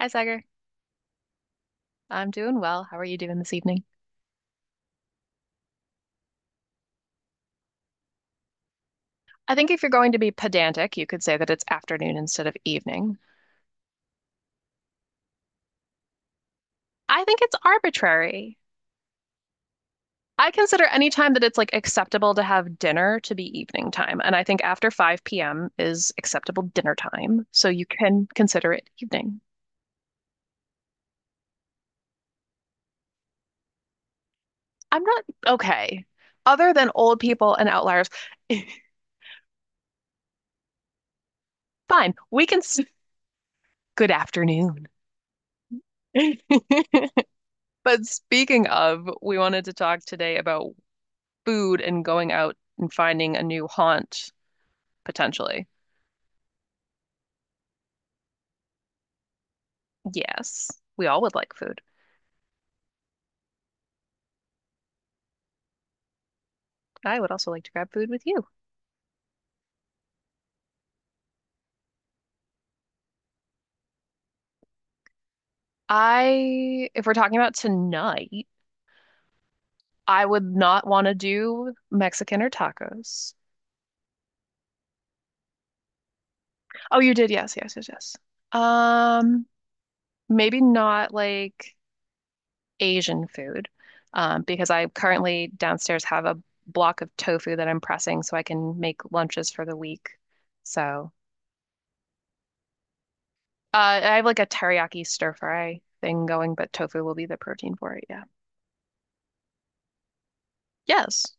Hi, Sagar. I'm doing well. How are you doing this evening? I think if you're going to be pedantic, you could say that it's afternoon instead of evening. I think it's arbitrary. I consider any time that it's like acceptable to have dinner to be evening time, and I think after 5 p.m. is acceptable dinner time, so you can consider it evening. I'm not okay. Other than old people and outliers, fine. Good afternoon. But speaking of, we wanted to talk today about food and going out and finding a new haunt potentially. Yes, we all would like food. I would also like to grab food with you. I, if we're talking about tonight, I would not want to do Mexican or tacos. Oh, you did. Yes, yes, yes, yes. Um, Maybe not like Asian food, because I currently downstairs have a block of tofu that I'm pressing so I can make lunches for the week. So I have like a teriyaki stir fry thing going, but tofu will be the protein for it. Yeah. Yes.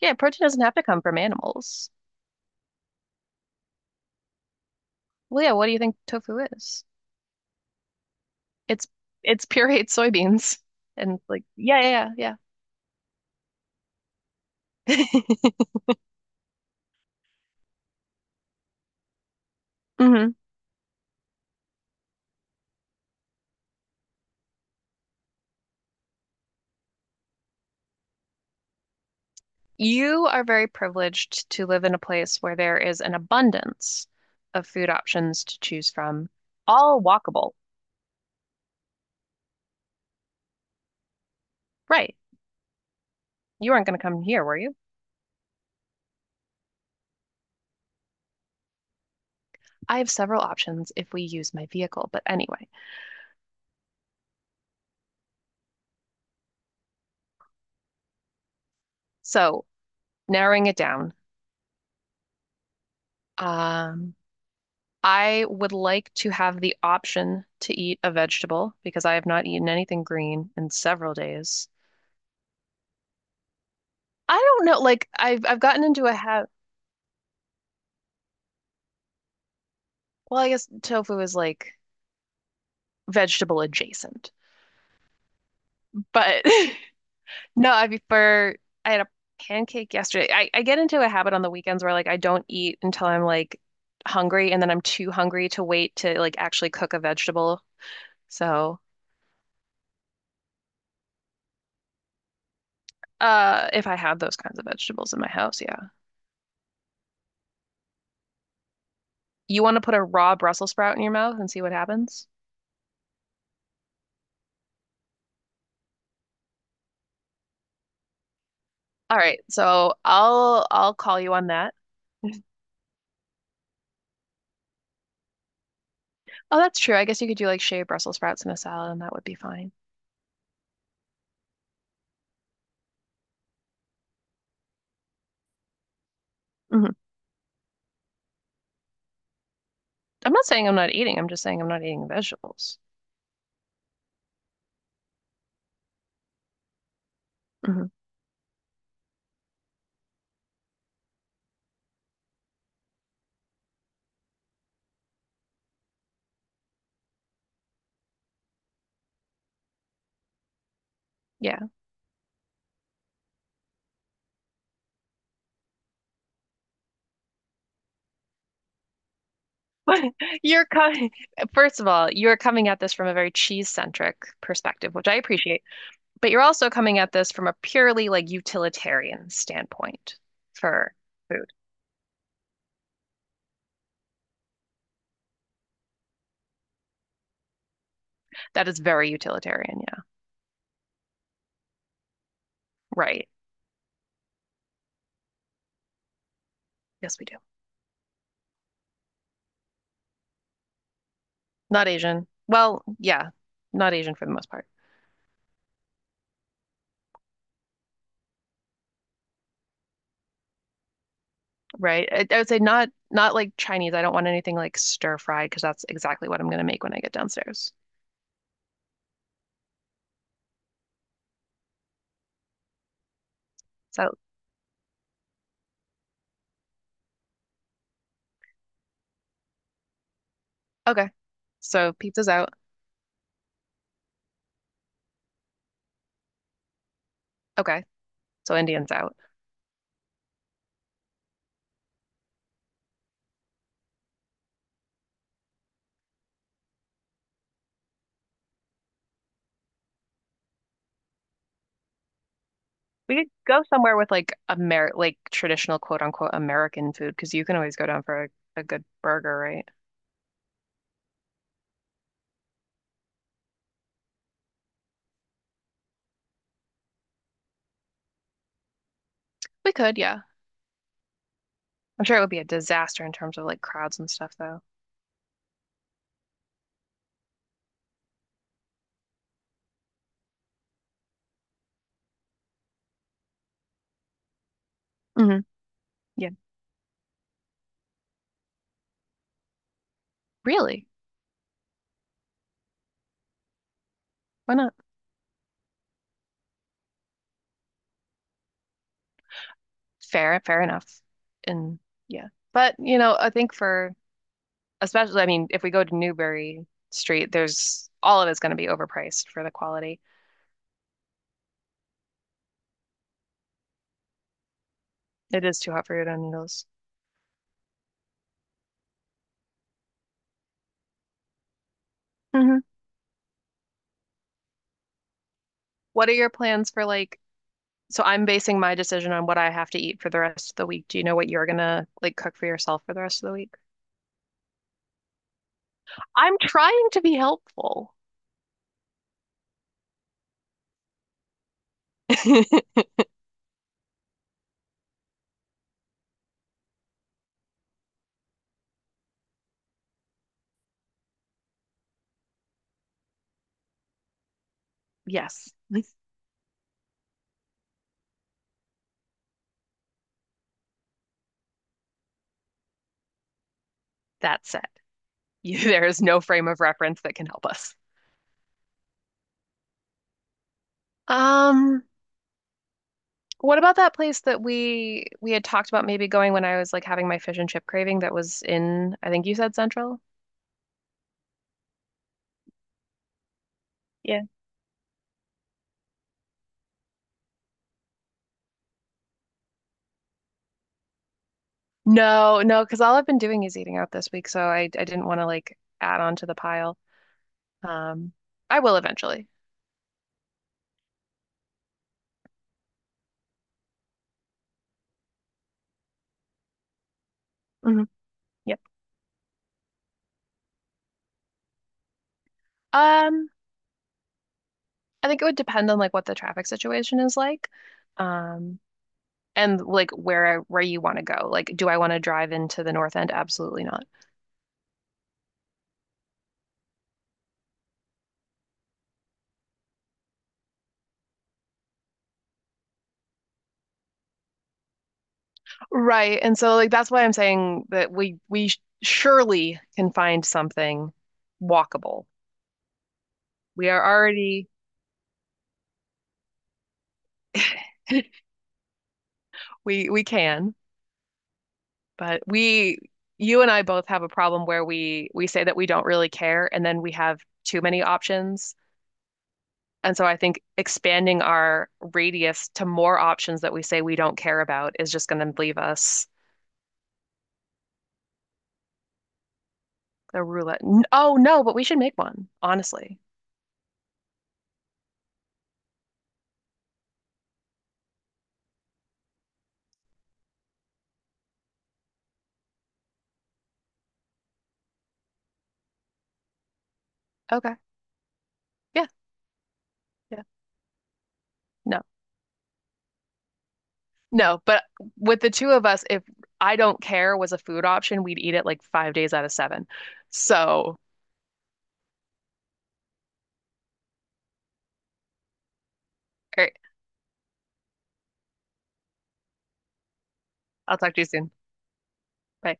Yeah, protein doesn't have to come from animals. Well, yeah, what do you think tofu is? It's it's pureed soybeans and like yeah, yeah, yeah. Yeah. Hmm. You are very privileged to live in a place where there is an abundance of food options to choose from, all walkable. Right. You weren't going to come here, were you? I have several options if we use my vehicle, but anyway. So, narrowing it down, Um, I would like to have the option to eat a vegetable because I have not eaten anything green in several days. I don't know, like I've gotten into a habit. Well, I guess tofu is like vegetable adjacent, but no, I prefer. I had a pancake yesterday. I get into a habit on the weekends where like I don't eat until I'm like hungry, and then I'm too hungry to wait to like actually cook a vegetable. So, if I had those kinds of vegetables in my house, yeah. You want to put a raw Brussels sprout in your mouth and see what happens? All right, so I'll call you on that. Oh, that's true. I guess you could do like shaved Brussels sprouts in a salad, and that would be fine. Hmm. I'm not saying I'm not eating. I'm just saying I'm not eating vegetables. Hmm. Yeah. You're coming, first of all, you're coming at this from a very cheese-centric perspective, which I appreciate, but you're also coming at this from a purely like utilitarian standpoint for food. That is very utilitarian. Yeah. Right. Yes, we do. Not Asian. Well, yeah, not Asian for the most part, right? I would say not like Chinese. I don't want anything like stir fried because that's exactly what I'm gonna make when I get downstairs. So okay, so pizza's out. Okay, so Indian's out. We could go somewhere with like Amer like traditional quote unquote American food because you can always go down for a good burger, right? We could, yeah. I'm sure it would be a disaster in terms of like crowds and stuff though. Hmm. Yeah, really? Why not? Fair, fair enough. And yeah. But, you know, I think for especially, I mean, if we go to Newberry Street, there's all of it's going to be overpriced for the quality. It is too hot for your own needles. Hmm. What are your plans for like, so I'm basing my decision on what I have to eat for the rest of the week. Do you know what you're gonna like cook for yourself for the rest of the week? I'm trying to be helpful. Yes. That said, you, there is no frame of reference that can help us. Um, What about that place that we had talked about maybe going when I was like having my fish and chip craving that was in, I think you said Central? Yeah. No, no, because all I've been doing is eating out this week, so I didn't want to like add on to the pile. Um, I will eventually. Hmm. Yep. Um, I think it would depend on like what the traffic situation is like, um, and like where I, where you want to go. Like, do I want to drive into the North End? Absolutely not. Right. And so like that's why I'm saying that surely can find something walkable. We are already we can, but we you and I both have a problem where we say that we don't really care and then we have too many options. And so I think expanding our radius to more options that we say we don't care about is just going to leave us a roulette. Oh no, but we should make one, honestly. Okay. Yeah. Yeah. No. No, but with the two of us, if I don't care was a food option, we'd eat it like 5 days out of seven. So, all right, I'll talk to you soon. Bye.